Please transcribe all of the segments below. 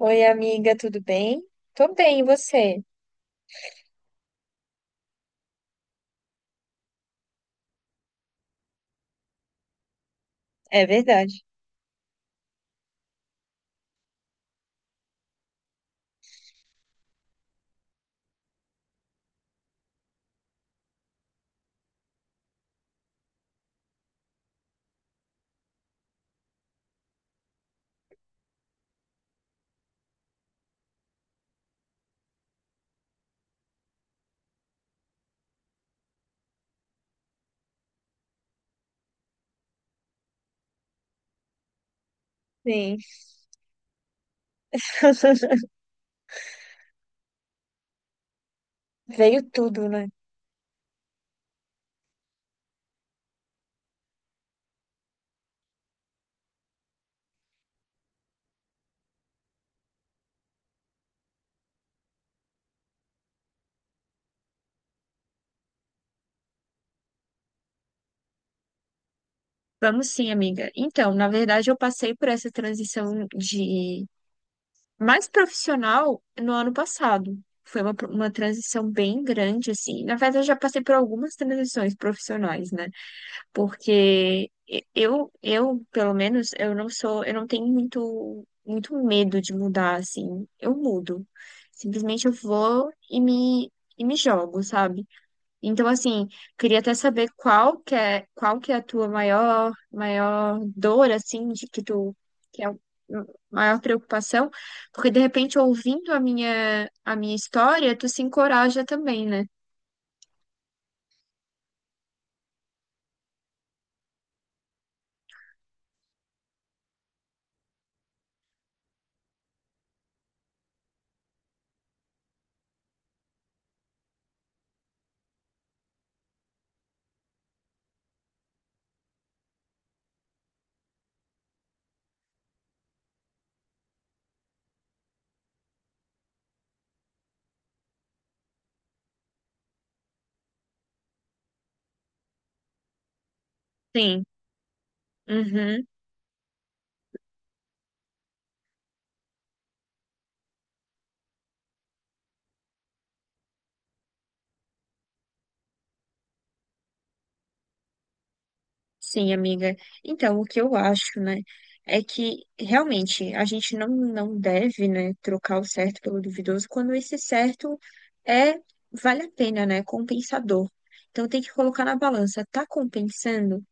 Oi, amiga, tudo bem? Tô bem, e você? É verdade. Sim. Veio tudo, né? Vamos sim, amiga. Então, na verdade, eu passei por essa transição de mais profissional no ano passado. Foi uma transição bem grande, assim. Na verdade, eu já passei por algumas transições profissionais, né? Porque eu, pelo menos, eu não sou, eu não tenho muito medo de mudar, assim. Eu mudo. Simplesmente eu vou e me jogo, sabe? Então, assim, queria até saber qual que é a maior dor, assim, de que tu, que é a maior preocupação, porque de repente, ouvindo a a minha história, tu se encoraja também, né? Sim. Uhum. Sim, amiga. Então, o que eu acho, né, é que realmente a gente não, não deve, né, trocar o certo pelo duvidoso quando esse certo é vale a pena, né, compensador. Então, tem que colocar na balança, tá compensando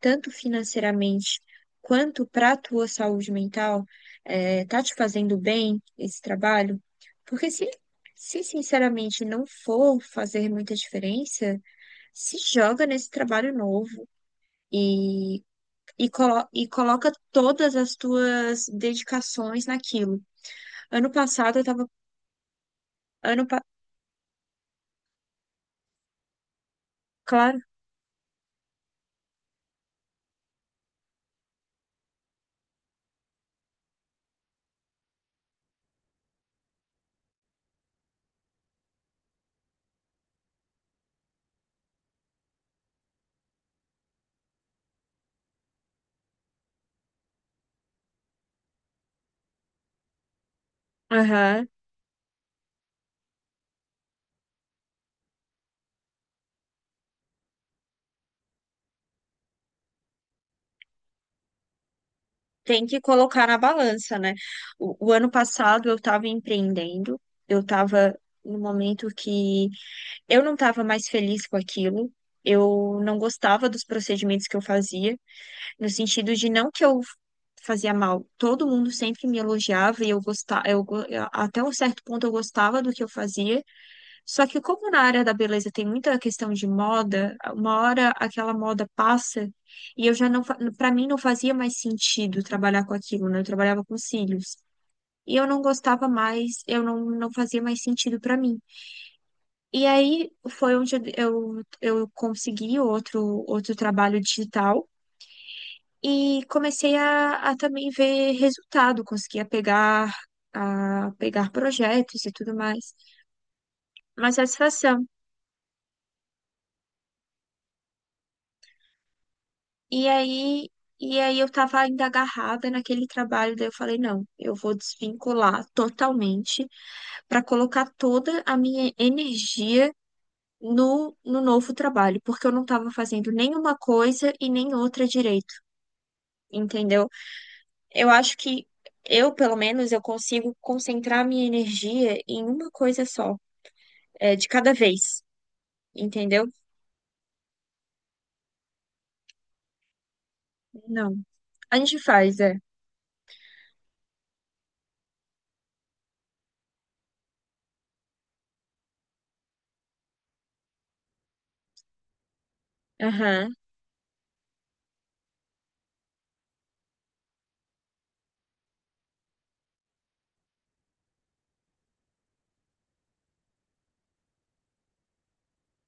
tanto financeiramente quanto para a tua saúde mental, tá te fazendo bem esse trabalho? Porque se sinceramente não for fazer muita diferença, se joga nesse trabalho novo. E coloca todas as tuas dedicações naquilo. Ano passado eu tava. Ano pa- Claro. Aham. Tem que colocar na balança, né? O ano passado eu estava empreendendo, eu estava no momento que eu não estava mais feliz com aquilo. Eu não gostava dos procedimentos que eu fazia, no sentido de não que eu fazia mal. Todo mundo sempre me elogiava e eu gostava, até um certo ponto eu gostava do que eu fazia. Só que como na área da beleza tem muita questão de moda, uma hora aquela moda passa e eu já não, para mim não fazia mais sentido trabalhar com aquilo, né? Eu trabalhava com cílios. E eu não gostava mais, eu não, não fazia mais sentido para mim. E aí foi onde eu consegui outro trabalho digital e comecei a também ver resultado, a pegar projetos e tudo mais. Uma satisfação. E aí, e aí eu tava ainda agarrada naquele trabalho, daí eu falei, não, eu vou desvincular totalmente para colocar toda a minha energia no novo trabalho, porque eu não estava fazendo nenhuma coisa e nem outra direito, entendeu? Eu acho que pelo menos, eu consigo concentrar minha energia em uma coisa só, é, de cada vez, entendeu? Não. A gente faz, é. Aham.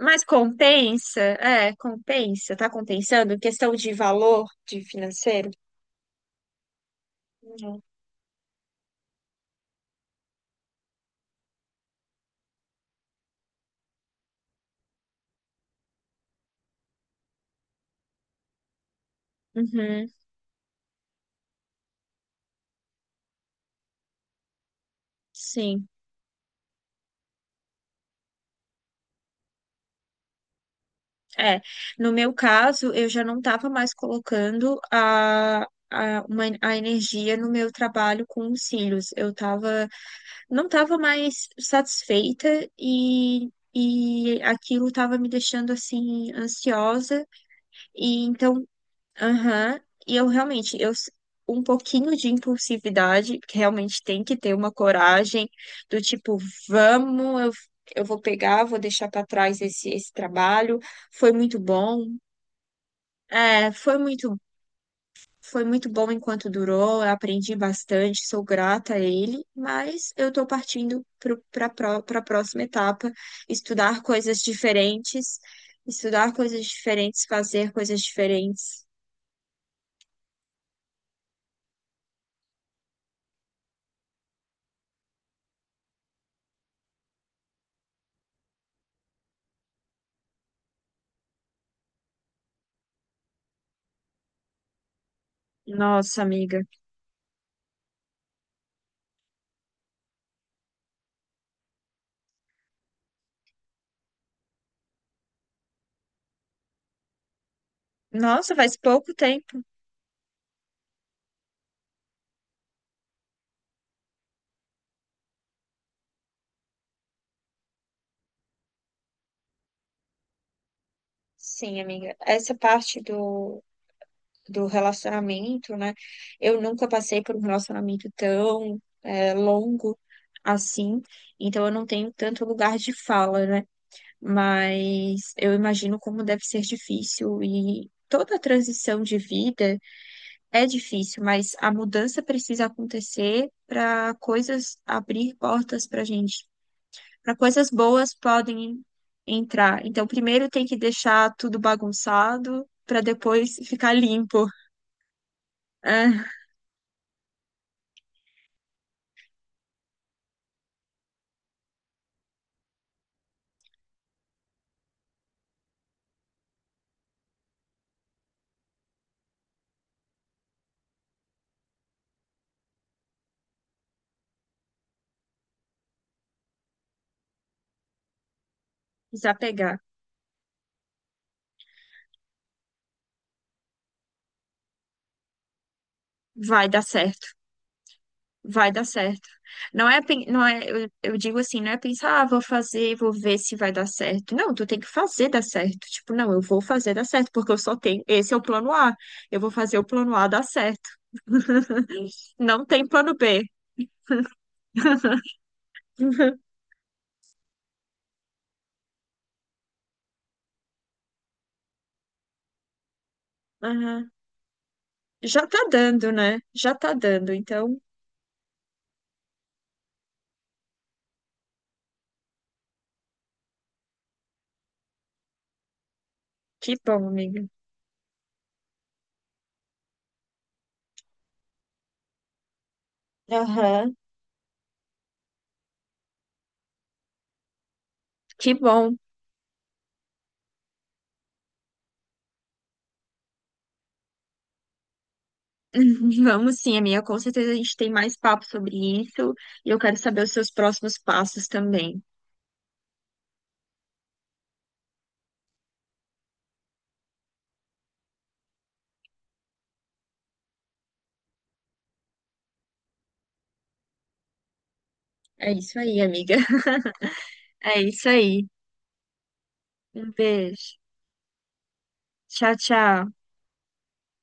Mas compensa? É, compensa. Tá compensando? Em questão de valor de financeiro? Não. Uhum, sim. É. No meu caso, eu já não estava mais colocando a energia no meu trabalho com os cílios. Eu tava, não estava mais satisfeita. E aquilo estava me deixando assim ansiosa, e então aham, e eu realmente, um pouquinho de impulsividade, que realmente tem que ter uma coragem do tipo, vamos, eu vou pegar, vou deixar para trás esse trabalho, foi muito bom. É, foi muito bom enquanto durou, eu aprendi bastante, sou grata a ele, mas eu estou partindo para a próxima etapa, estudar coisas diferentes, estudar coisas diferentes, fazer coisas diferentes. Nossa, amiga. Nossa, faz pouco tempo. Sim, amiga. Essa parte do relacionamento, né? Eu nunca passei por um relacionamento tão é, longo assim, então eu não tenho tanto lugar de fala, né? Mas eu imagino como deve ser difícil e toda a transição de vida é difícil, mas a mudança precisa acontecer para coisas abrir portas para gente. Para coisas boas podem entrar. Então, primeiro tem que deixar tudo bagunçado para depois ficar limpo. Ah, desapegar. Vai dar certo. Vai dar certo. Não é, eu digo assim, não é pensar, ah, vou fazer, vou ver se vai dar certo. Não, tu tem que fazer dar certo. Tipo, não, eu vou fazer dar certo, porque eu só tenho, esse é o plano A. Eu vou fazer o plano A dar certo. Não tem plano B. Aham. Já tá dando, né? Já tá dando. Então, que bom, amiga. Aham, que bom. Vamos sim, amiga. Com certeza a gente tem mais papo sobre isso e eu quero saber os seus próximos passos também. É isso aí, amiga. É isso aí. Um beijo. Tchau, tchau.